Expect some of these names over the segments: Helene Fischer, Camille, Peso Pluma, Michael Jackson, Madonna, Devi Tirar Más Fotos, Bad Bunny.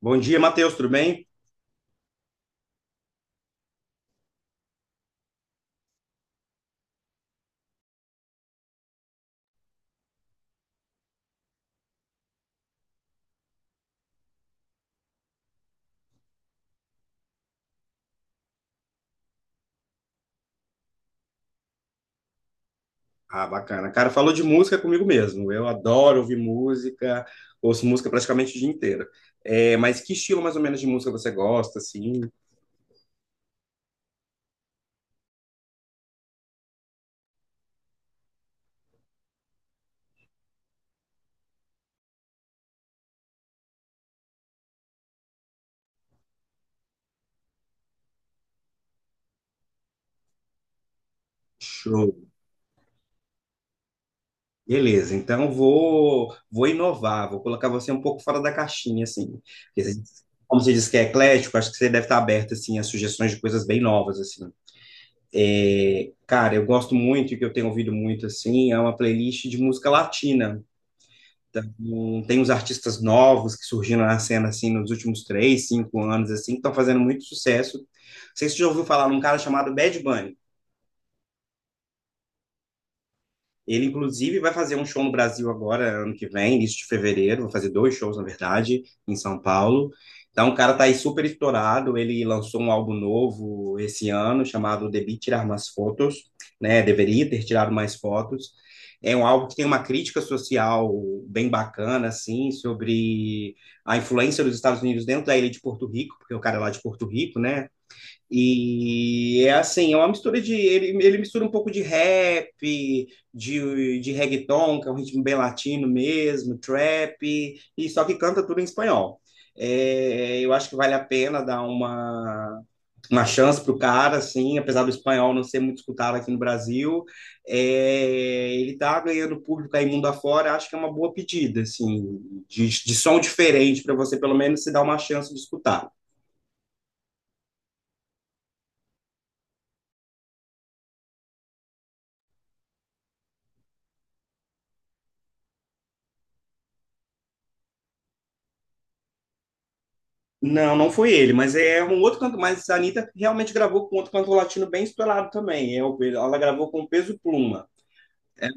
Bom dia, Matheus, tudo bem? Ah, bacana. Cara, falou de música comigo mesmo. Eu adoro ouvir música, ouço música praticamente o dia inteiro. É, mas que estilo mais ou menos de música você gosta, assim? Show. Beleza, então vou inovar, vou colocar você um pouco fora da caixinha, assim. Porque você- Como você disse que é eclético, acho que você deve estar aberto, assim, a sugestões de coisas bem novas, assim. É, cara, eu gosto muito, e que eu tenho ouvido muito, assim, é uma playlist de música latina. Então, tem uns artistas novos que surgiram na cena assim nos últimos três, cinco anos assim, que estão fazendo muito sucesso. Não sei se você já ouviu falar num cara chamado Bad Bunny. Ele, inclusive, vai fazer um show no Brasil agora, ano que vem, início de fevereiro. Vai fazer dois shows, na verdade, em São Paulo. Então, o cara tá aí super estourado. Ele lançou um álbum novo esse ano, chamado Devi Tirar Mais Fotos, né? Deveria ter tirado mais fotos. É um álbum que tem uma crítica social bem bacana, assim, sobre a influência dos Estados Unidos dentro da ilha de Porto Rico, porque o cara é lá de Porto Rico, né? E é assim, é uma mistura de. Ele mistura um pouco de rap, de reggaeton, que é um ritmo bem latino mesmo, trap, e só que canta tudo em espanhol. É, eu acho que vale a pena dar uma chance pro cara, assim, apesar do espanhol não ser muito escutado aqui no Brasil. É, ele tá ganhando público aí mundo afora, acho que é uma boa pedida, assim, de som diferente para você pelo menos se dar uma chance de escutar. Não, não foi ele, mas é um outro canto, mas a Anitta realmente gravou com outro cantor latino bem estourado também. É, ela gravou com o Peso Pluma. É,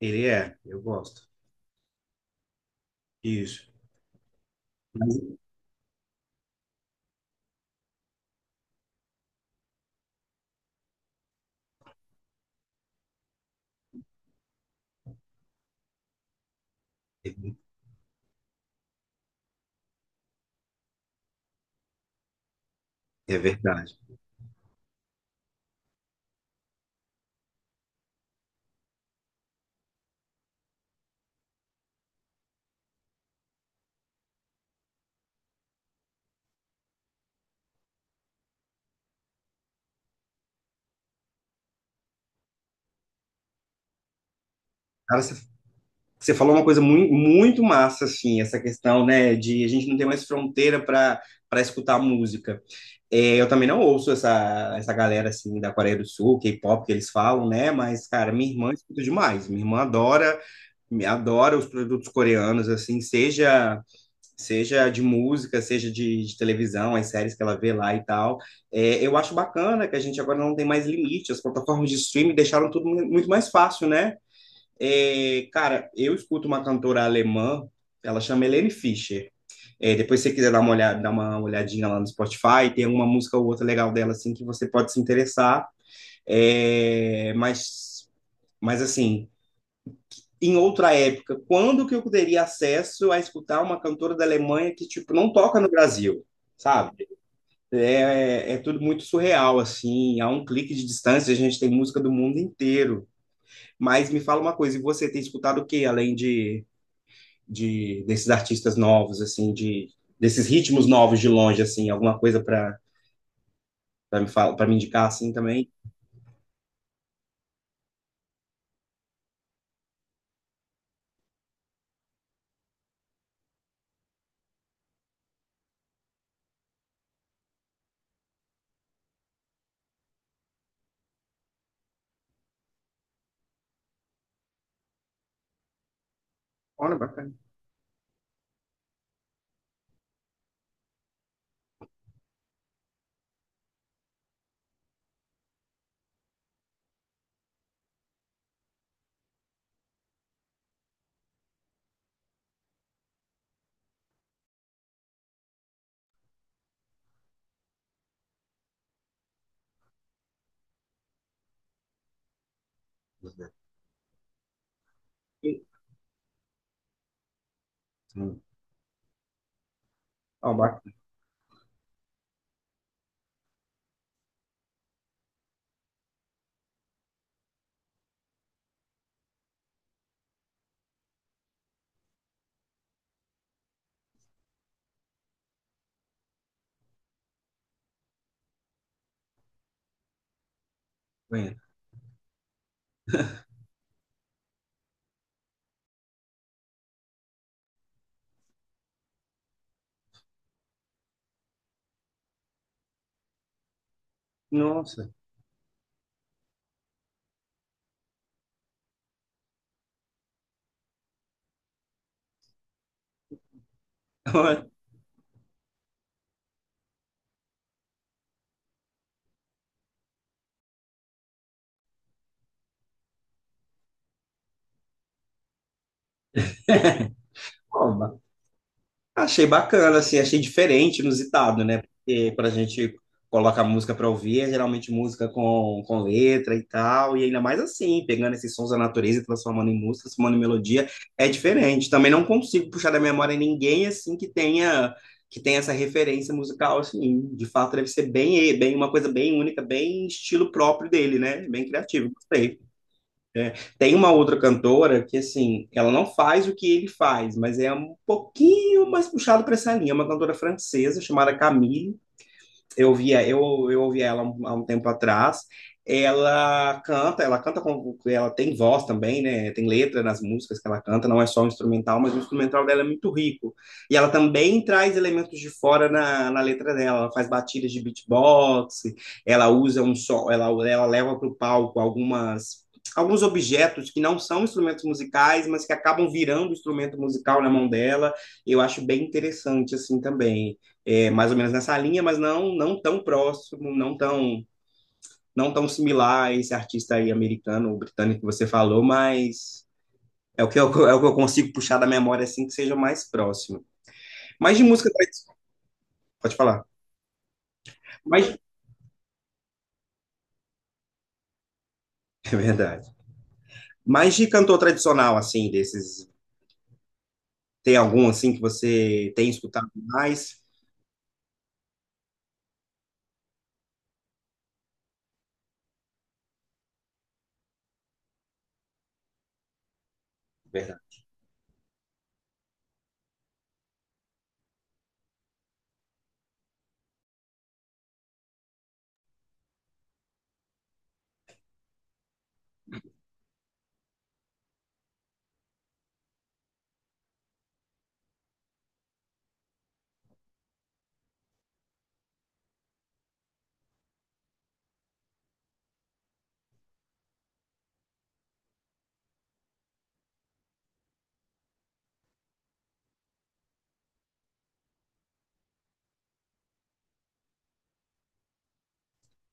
ele é, eu gosto. Isso. Mas- É é verdade. Cara, você falou uma coisa muito, muito massa, assim, essa questão, né, de a gente não ter mais fronteira para para escutar música. É, eu também não ouço essa, essa galera, assim, da Coreia do Sul, K-pop que eles falam, né, mas, cara, minha irmã escuta demais. Minha irmã adora, me adora os produtos coreanos, assim, seja seja de música, seja de televisão, as séries que ela vê lá e tal. É, eu acho bacana que a gente agora não tem mais limite, as plataformas de streaming deixaram tudo muito mais fácil, né? É, cara, eu escuto uma cantora alemã, ela chama Helene Fischer. É, depois, se você quiser dar uma olhada, dar uma olhadinha lá no Spotify, tem uma música ou outra legal dela, assim, que você pode se interessar. É, mas assim, em outra época, quando que eu teria acesso a escutar uma cantora da Alemanha que, tipo, não toca no Brasil, sabe? É, é tudo muito surreal, assim, a um clique de distância a gente tem música do mundo inteiro. Mas me fala uma coisa, e você tem escutado o quê além de desses artistas novos, assim, de desses ritmos novos de longe, assim, alguma coisa para para me falar, para me indicar, assim, também? Olha, bacana. Hum. Ó, bacana. Nossa. Ó, achei bacana, assim, achei diferente, inusitado, né? Porque quando a gente coloca música para ouvir, é geralmente música com letra e tal, e ainda mais assim, pegando esses sons da natureza e transformando em música, transformando em melodia, é diferente. Também não consigo puxar da memória ninguém, assim, que tenha essa referência musical, assim. De fato, deve ser bem, bem uma coisa bem única, bem estilo próprio dele, né? Bem criativo, gostei. Tem uma outra cantora que, assim, ela não faz o que ele faz, mas é um pouquinho mais puxado para essa linha. É uma cantora francesa chamada Camille. Eu via, eu ouvia ela há um tempo atrás. Ela canta com, ela tem voz também, né? Tem letra nas músicas que ela canta, não é só um instrumental, mas o instrumental dela é muito rico. E ela também traz elementos de fora na, na letra dela. Ela faz batidas de beatbox, ela usa um som, ela leva para o palco algumas alguns objetos que não são instrumentos musicais, mas que acabam virando instrumento musical na mão dela. Eu acho bem interessante assim também é, mais ou menos nessa linha, mas não não tão próximo, não tão não tão similar a esse artista aí americano ou britânico que você falou, mas é o que eu, é o que eu consigo puxar da memória assim que seja mais próximo. Mas de música tradicional, pode falar. Mas é verdade. Mas de cantor tradicional assim desses, tem algum assim que você tem escutado mais? Verdade.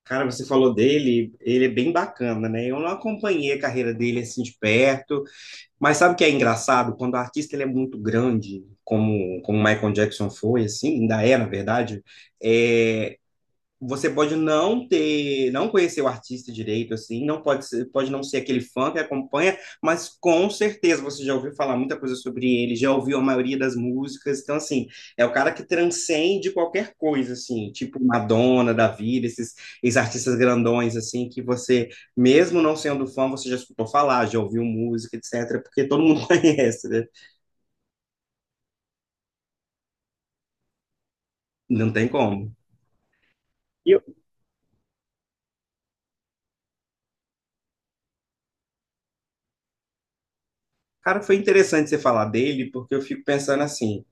Cara, você falou dele, ele é bem bacana, né? Eu não acompanhei a carreira dele assim de perto. Mas sabe o que é engraçado? Quando o artista ele é muito grande, como como Michael Jackson foi, assim, ainda é, na verdade, é, você pode não ter, não conhecer o artista direito, assim, não pode ser, pode não ser aquele fã que acompanha, mas com certeza você já ouviu falar muita coisa sobre ele, já ouviu a maioria das músicas, então, assim, é o cara que transcende qualquer coisa, assim, tipo Madonna, da vida, esses, esses artistas grandões, assim, que você, mesmo não sendo fã, você já escutou falar, já ouviu música, etc., porque todo mundo conhece, né? Não tem como. E cara, foi interessante você falar dele, porque eu fico pensando assim,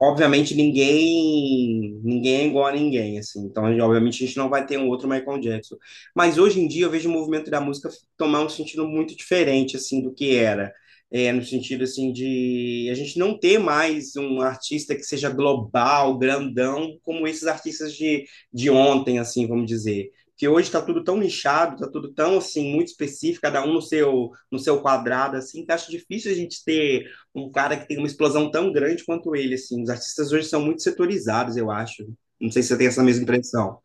obviamente ninguém, ninguém é igual a ninguém, assim, então obviamente a gente não vai ter um outro Michael Jackson, mas hoje em dia eu vejo o movimento da música tomar um sentido muito diferente, assim, do que era, é, no sentido, assim, de a gente não ter mais um artista que seja global, grandão, como esses artistas de ontem, assim, vamos dizer, que hoje está tudo tão nichado, está tudo tão assim muito específico, cada um no seu no seu quadrado, assim, que acho difícil a gente ter um cara que tem uma explosão tão grande quanto ele, assim. Os artistas hoje são muito setorizados, eu acho. Não sei se você tem essa mesma impressão.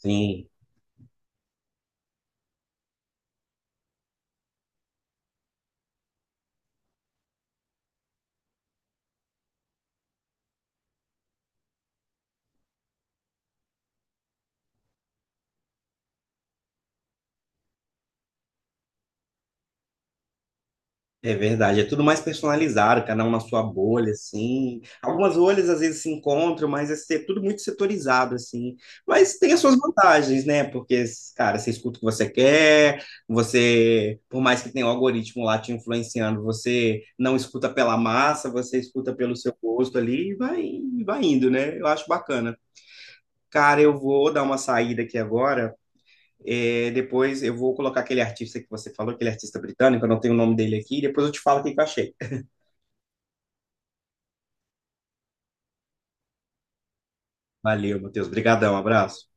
Sim. É verdade, é tudo mais personalizado, cada um na sua bolha, assim. Algumas bolhas às vezes se encontram, mas é tudo muito setorizado, assim. Mas tem as suas vantagens, né? Porque, cara, você escuta o que você quer, você, por mais que tenha um algoritmo lá te influenciando, você não escuta pela massa, você escuta pelo seu gosto ali e vai indo, né? Eu acho bacana. Cara, eu vou dar uma saída aqui agora. É, depois eu vou colocar aquele artista que você falou, aquele artista britânico, eu não tenho o nome dele aqui, depois eu te falo o que eu achei. Valeu, Matheus. Obrigadão, abraço.